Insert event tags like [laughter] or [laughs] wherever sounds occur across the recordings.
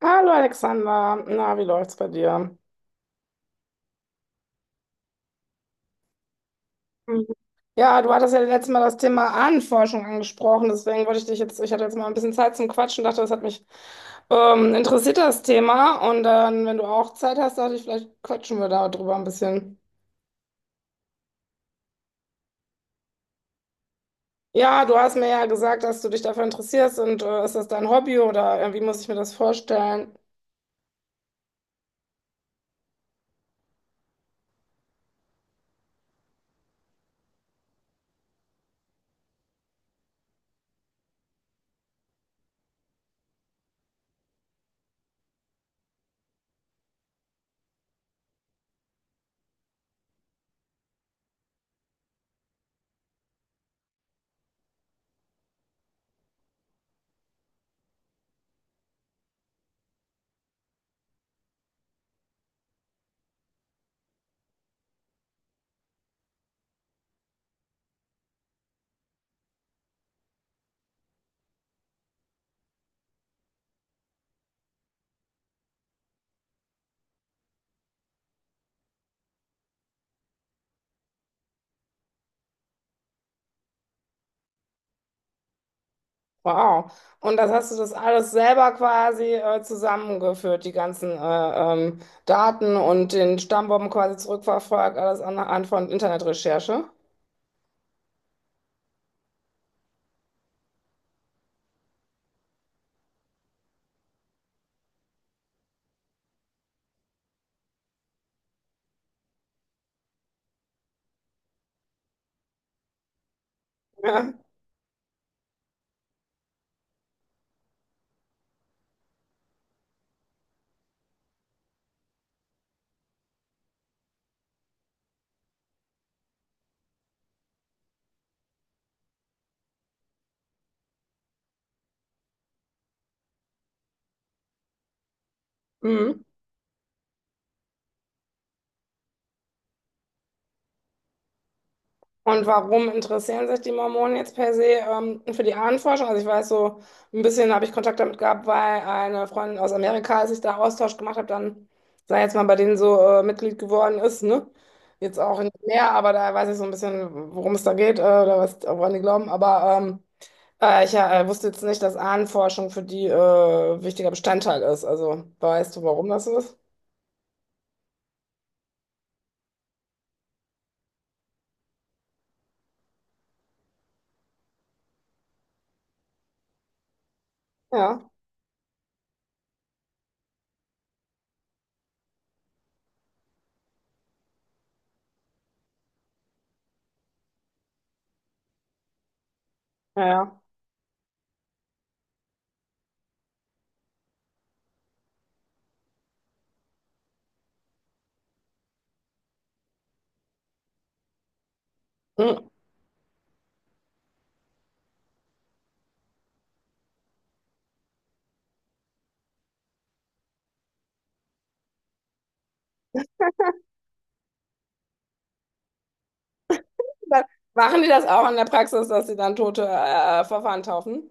Hallo Alexander, na, wie läuft's bei dir? Mhm. Ja, du hattest ja letztes Mal das Thema Ahnenforschung angesprochen, deswegen wollte ich dich jetzt, ich hatte jetzt mal ein bisschen Zeit zum Quatschen, dachte, das hat mich interessiert, das Thema. Und dann, wenn du auch Zeit hast, dachte ich, vielleicht quatschen wir da drüber ein bisschen. Ja, du hast mir ja gesagt, dass du dich dafür interessierst und ist das dein Hobby oder wie muss ich mir das vorstellen? Wow. Und das hast du das alles selber quasi zusammengeführt, die ganzen Daten und den Stammbaum quasi zurückverfolgt, alles anhand von Internetrecherche? Ja. Mhm. Und warum interessieren sich die Mormonen jetzt per se für die Ahnenforschung? Also ich weiß so, ein bisschen habe ich Kontakt damit gehabt, weil eine Freundin aus Amerika, als ich da Austausch gemacht habe, dann, sei jetzt mal, bei denen so Mitglied geworden ist, ne? Jetzt auch nicht mehr, aber da weiß ich so ein bisschen, worum es da geht oder was, woran die glauben. Aber ich wusste jetzt nicht, dass Ahnenforschung für die wichtiger Bestandteil ist. Also weißt du, warum das so ist? Ja, ja, ja. Dann machen die das auch in der Praxis, dass sie dann tote Verfahren taufen?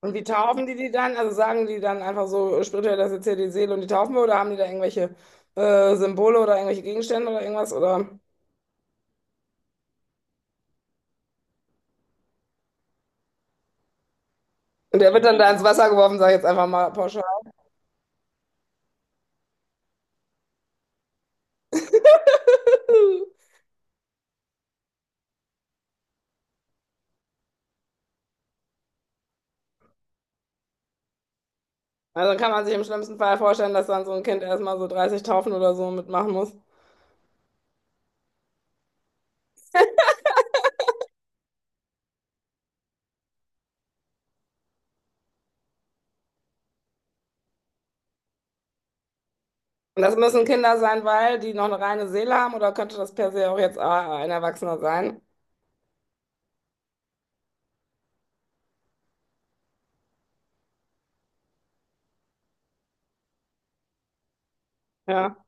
Und wie taufen die die dann? Also sagen die dann einfach so spirituell, das ist jetzt hier die Seele und die taufen wir? Oder haben die da irgendwelche Symbole oder irgendwelche Gegenstände oder irgendwas? Oder? Und der wird dann da ins Wasser geworfen, sage ich jetzt einfach mal pauschal. [laughs] Also kann man sich im schlimmsten Fall vorstellen, dass dann so ein Kind erstmal so 30 Taufen oder so mitmachen muss. Und das müssen Kinder sein, weil die noch eine reine Seele haben oder könnte das per se auch jetzt ein Erwachsener sein? Ja.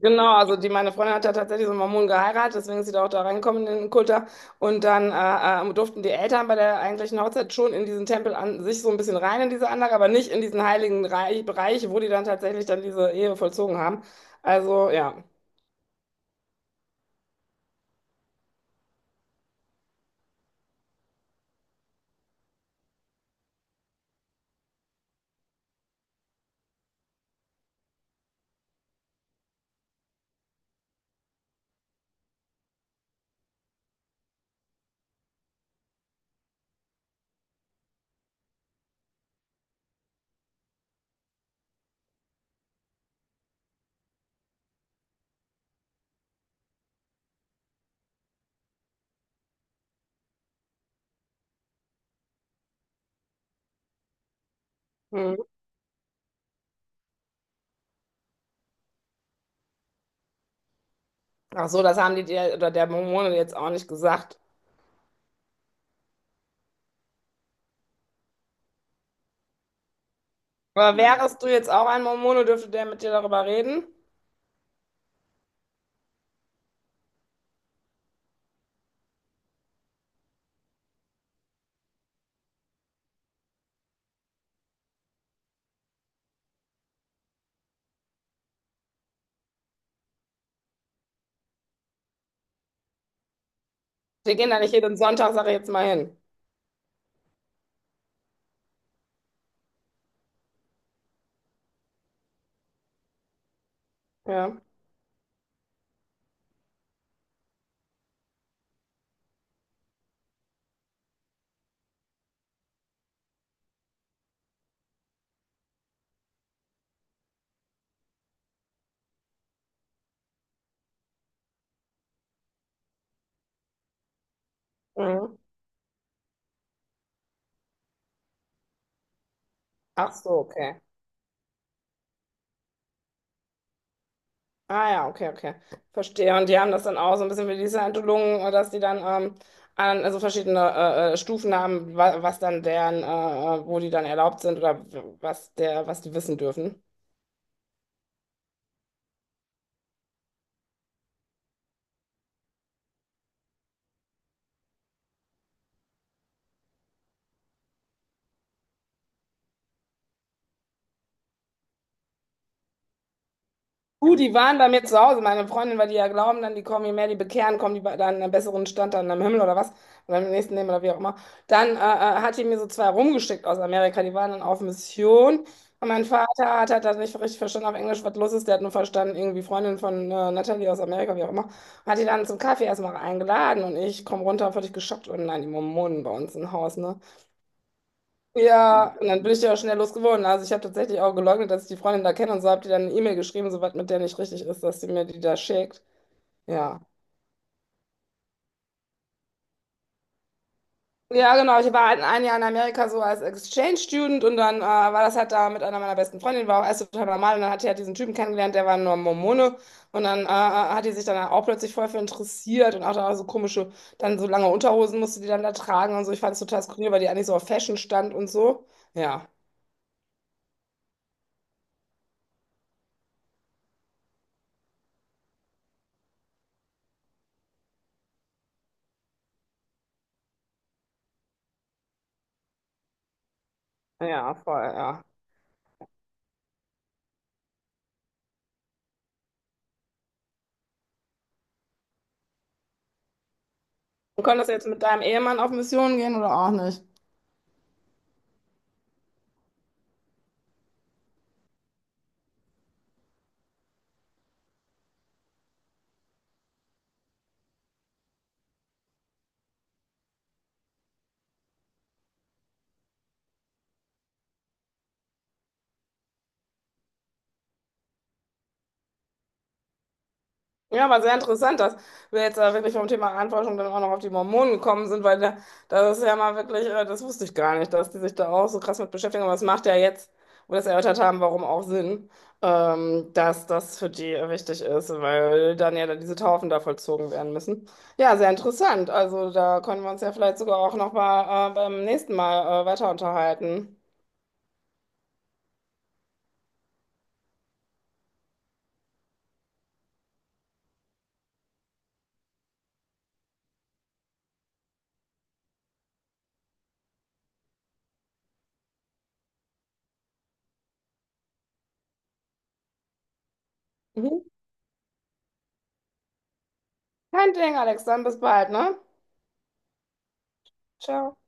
Genau, also die, meine Freundin hat ja tatsächlich so einen Mormonen geheiratet, deswegen ist sie da auch da reingekommen in den Kult da. Und dann durften die Eltern bei der eigentlichen Hochzeit schon in diesen Tempel an sich so ein bisschen rein in diese Anlage, aber nicht in diesen heiligen Reich, Bereich, wo die dann tatsächlich dann diese Ehe vollzogen haben. Also ja. Hm. Ach so, das haben die dir oder der Mormone jetzt auch nicht gesagt. Aber wärest du jetzt auch ein Mormone, dürfte der mit dir darüber reden? Wir gehen da nicht jeden Sonntag, sage ich jetzt mal hin. Ja. Mhm. Ach so, okay. Ah ja, okay, okay. Verstehe. Und die haben das dann auch so ein bisschen wie die Scientologen, dass die dann an, also verschiedene Stufen haben, wa was dann deren, wo die dann erlaubt sind oder w- was der, was die wissen dürfen. Du, die waren bei mir zu Hause, meine Freundin, weil die ja glauben, dann die kommen, je mehr die bekehren, kommen die bei- dann in einen besseren Stand dann am Himmel oder was, oder im nächsten Leben oder wie auch immer. Dann hat die mir so zwei rumgeschickt aus Amerika, die waren dann auf Mission. Und mein Vater hat halt das nicht richtig verstanden auf Englisch, was los ist. Der hat nur verstanden, irgendwie Freundin von Natalie aus Amerika, wie auch immer. Hat die dann zum Kaffee erstmal eingeladen und ich komme runter, völlig geschockt. Und nein, die Mormonen bei uns im Haus, ne? Ja, und dann bin ich die auch schnell losgeworden. Also ich habe tatsächlich auch geleugnet, dass ich die Freundin da kenne und so, habe die dann eine E-Mail geschrieben, so was mit der nicht richtig ist, dass sie mir die da schickt. Ja. Ja, genau. Ich war halt ein Jahr in Amerika so als Exchange Student und dann war das halt da mit einer meiner besten Freundinnen, war auch erst total normal und dann hat die halt diesen Typen kennengelernt, der war nur Mormone und dann hat die sich dann auch plötzlich voll für interessiert und auch da so komische, dann so lange Unterhosen musste die dann da tragen und so. Ich fand es total skurril, weil die eigentlich so auf Fashion stand und so. Ja, ja, voll, ja. Du könntest jetzt mit deinem Ehemann auf Mission gehen oder auch nicht. Ja, aber sehr interessant, dass wir jetzt da wirklich vom Thema Ahnenforschung dann auch noch auf die Mormonen gekommen sind, weil da, das ist ja mal wirklich, das wusste ich gar nicht, dass die sich da auch so krass mit beschäftigen. Aber es macht ja jetzt, wo wir das erörtert haben, warum auch Sinn, dass das für die wichtig ist, weil dann ja dann diese Taufen da vollzogen werden müssen. Ja, sehr interessant. Also da können wir uns ja vielleicht sogar auch noch mal beim nächsten Mal weiter unterhalten. Mhm. Kein Ding, Alex, dann bis bald, ne? Ciao.